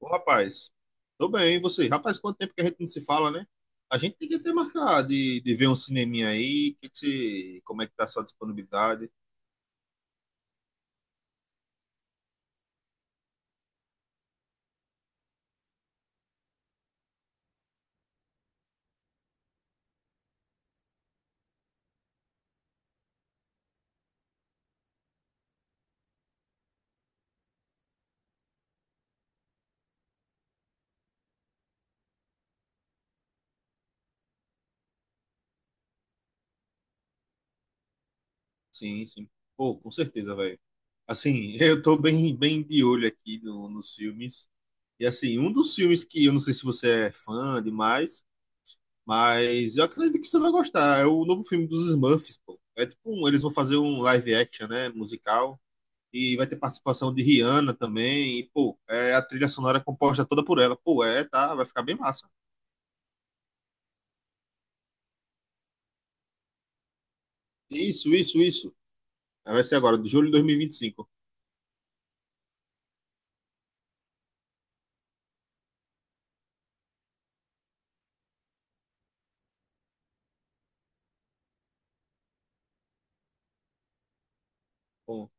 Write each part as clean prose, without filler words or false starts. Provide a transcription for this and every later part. Ô, rapaz, tô bem, e você? Rapaz, quanto tempo que a gente não se fala, né? A gente tem que até marcar de ver um cineminha aí, que você, como é que tá a sua disponibilidade? Sim, sim. Pô, com certeza, velho. Assim, eu tô bem de olho aqui no, nos filmes. E assim, um dos filmes que eu não sei se você é fã demais, mas eu acredito que você vai gostar. É o novo filme dos Smurfs, pô. É tipo um, eles vão fazer um live action, né, musical. E vai ter participação de Rihanna também. E, pô, é, a trilha sonora é composta toda por ela. Pô, é, tá, vai ficar bem massa. Isso, isso, isso. É, vai ser agora, de julho de 2025. Pô,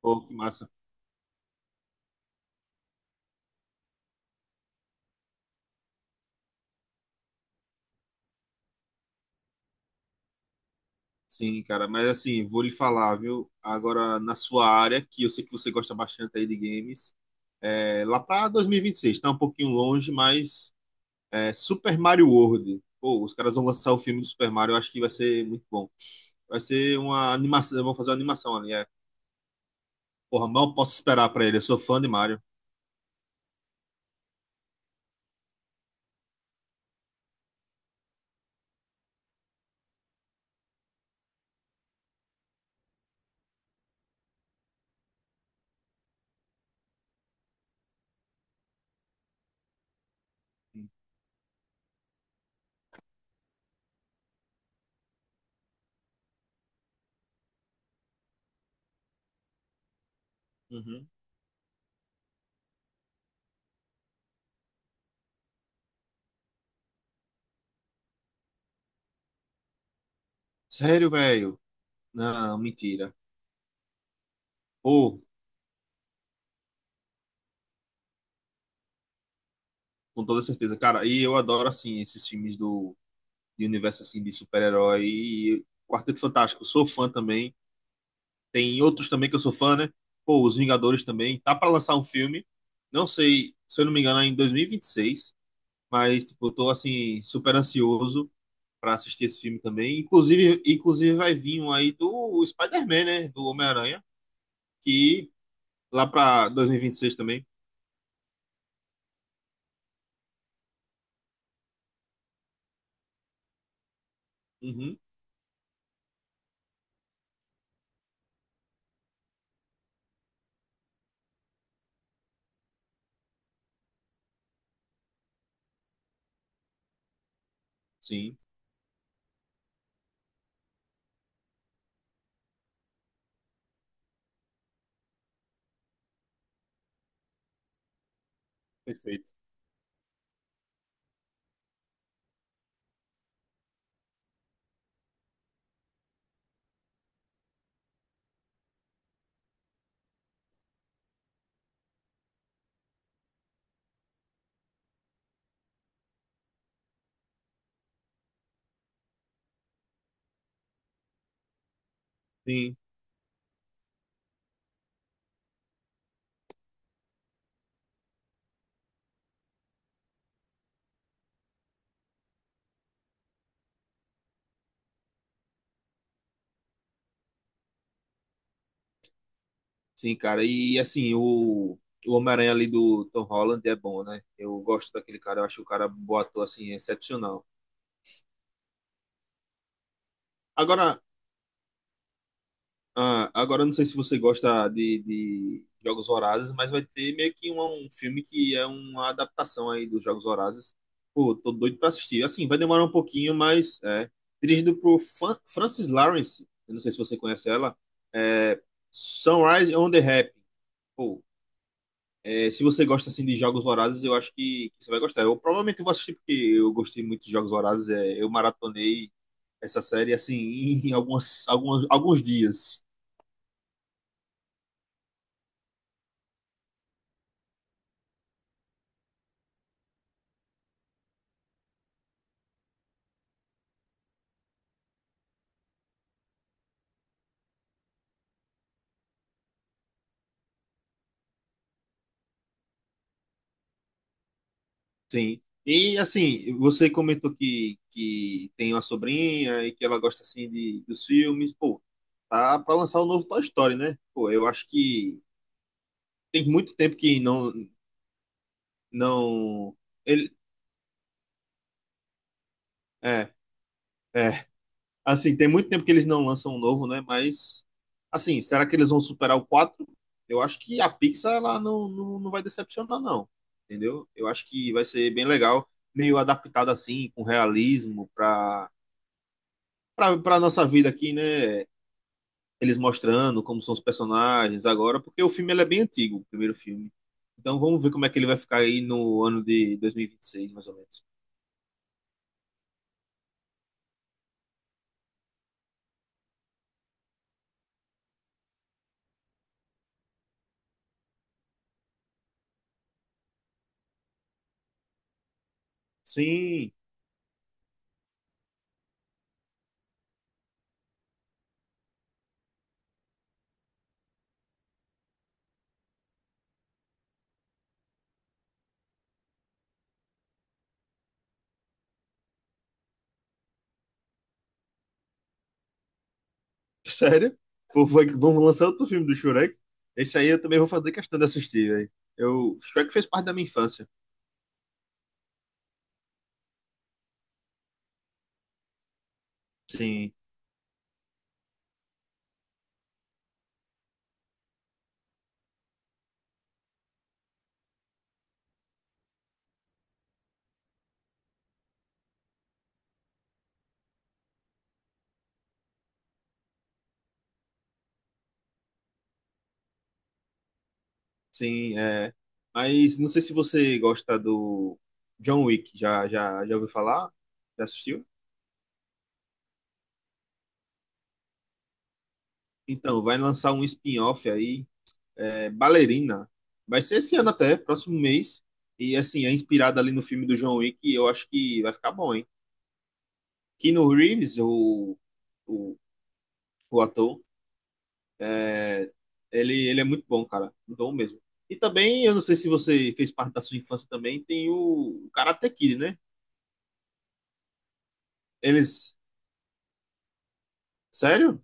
que massa. Sim, cara, mas assim, vou lhe falar, viu? Agora, na sua área, que eu sei que você gosta bastante aí de games, é, lá pra 2026, tá um pouquinho longe, mas é, Super Mario World. Pô, os caras vão lançar o filme do Super Mario, eu acho que vai ser muito bom. Vai ser uma animação, vão fazer uma animação ali, é. Porra, mal posso esperar pra ele, eu sou fã de Mario. Uhum. Sério, velho? Não, mentira. Ou, com toda certeza. Cara, e eu adoro, assim, esses filmes do de universo, assim, de super-herói. E Quarteto Fantástico, sou fã também. Tem outros também que eu sou fã, né? Pô, Os Vingadores também. Tá pra lançar um filme. Não sei, se eu não me engano, é em 2026. Mas, tipo, eu tô, assim, super ansioso pra assistir esse filme também. Inclusive vai vir um aí do Spider-Man, né? Do Homem-Aranha. Que lá pra 2026 também. Uhum, sim. Perfeito. Sim, sim, cara. E assim, o Homem-Aranha ali do Tom Holland é bom, né? Eu gosto daquele cara, eu acho o cara bom ator, assim, excepcional. Agora, ah, agora eu não sei se você gosta de Jogos Vorazes, mas vai ter meio que um filme que é uma adaptação aí dos Jogos Vorazes. Pô, tô doido pra assistir. Assim, vai demorar um pouquinho, mas é. Dirigido por Francis Lawrence, eu não sei se você conhece ela, é Sunrise on the Rap. É, se você gosta assim de jogos vorazes, eu acho que você vai gostar. Eu provavelmente vou assistir porque eu gostei muito de jogos vorazes. É, eu maratonei essa série assim em alguns dias. Sim. E assim, você comentou que tem uma sobrinha e que ela gosta assim dos filmes. Pô, tá pra lançar o novo Toy Story, né? Pô, eu acho que tem muito tempo que não ele é, é. Assim, tem muito tempo que eles não lançam um novo, né? Mas, assim, será que eles vão superar o quatro? Eu acho que a Pixar, ela não vai decepcionar, não. Entendeu? Eu acho que vai ser bem legal, meio adaptado assim, com realismo, pra nossa vida aqui, né? Eles mostrando como são os personagens agora, porque o filme ele é bem antigo, o primeiro filme. Então vamos ver como é que ele vai ficar aí no ano de dois mil e vinte e seis mais ou menos. Sim, sério? Pô, vamos lançar outro filme do Shrek? Esse aí eu também vou fazer questão de assistir, velho. Eu, Shrek fez parte da minha infância. Sim, sim, é. Mas não sei se você gosta do John Wick. Já ouviu falar? Já assistiu? Então, vai lançar um spin-off aí, é, Ballerina. Vai ser esse ano até, próximo mês. E assim, é inspirado ali no filme do John Wick. E eu acho que vai ficar bom, hein? Keanu Reeves, o, o ator. É, ele é muito bom, cara. Muito bom mesmo. E também, eu não sei se você fez parte da sua infância também, tem o Karate Kid, né? Eles. Sério?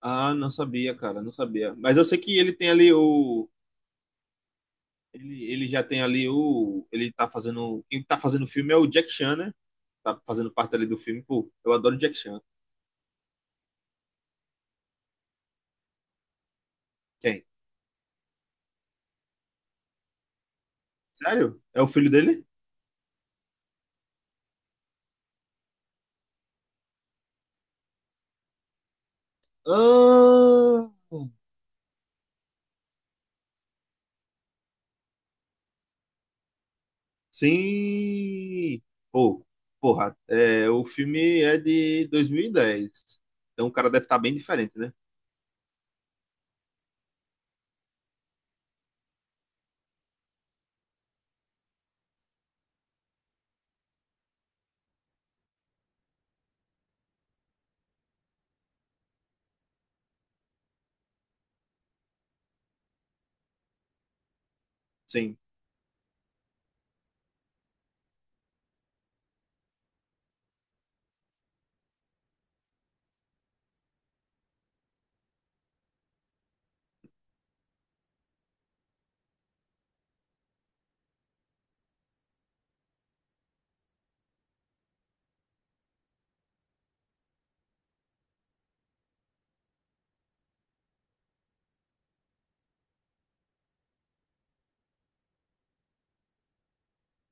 Ah, não sabia, cara, não sabia. Mas eu sei que ele tem ali o. Ele já tem ali o. Ele tá fazendo. Quem tá fazendo o filme é o Jack Chan, né? Tá fazendo parte ali do filme. Pô, eu adoro o Jack Chan. Quem? Sério? É o filho dele? Ah! Sim! Pô, porra, é, o filme é de 2010. Então o cara deve estar bem diferente, né? Sim,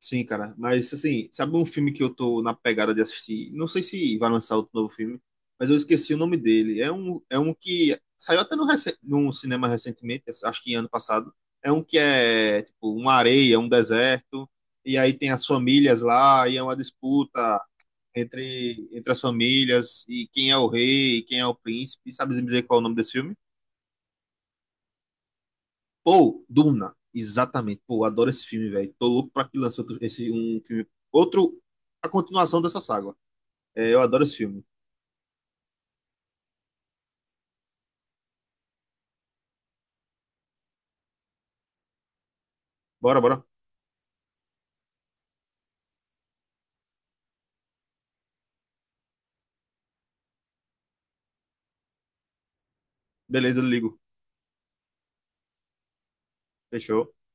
sim, cara. Mas assim, sabe um filme que eu tô na pegada de assistir? Não sei se vai lançar outro novo filme, mas eu esqueci o nome dele. É um que saiu até no, num cinema recentemente, acho que ano passado. É um que é tipo uma areia, um deserto, e aí tem as famílias lá, e é uma disputa entre as famílias e quem é o rei e quem é o príncipe. Sabe me dizer qual é o nome desse filme? Pô, Duna. Exatamente. Pô, adoro esse filme, velho. Tô louco pra que lance outro, esse, um filme. Outro, a continuação dessa saga. É, eu adoro esse filme. Bora, bora. Beleza, eu ligo. Fechou.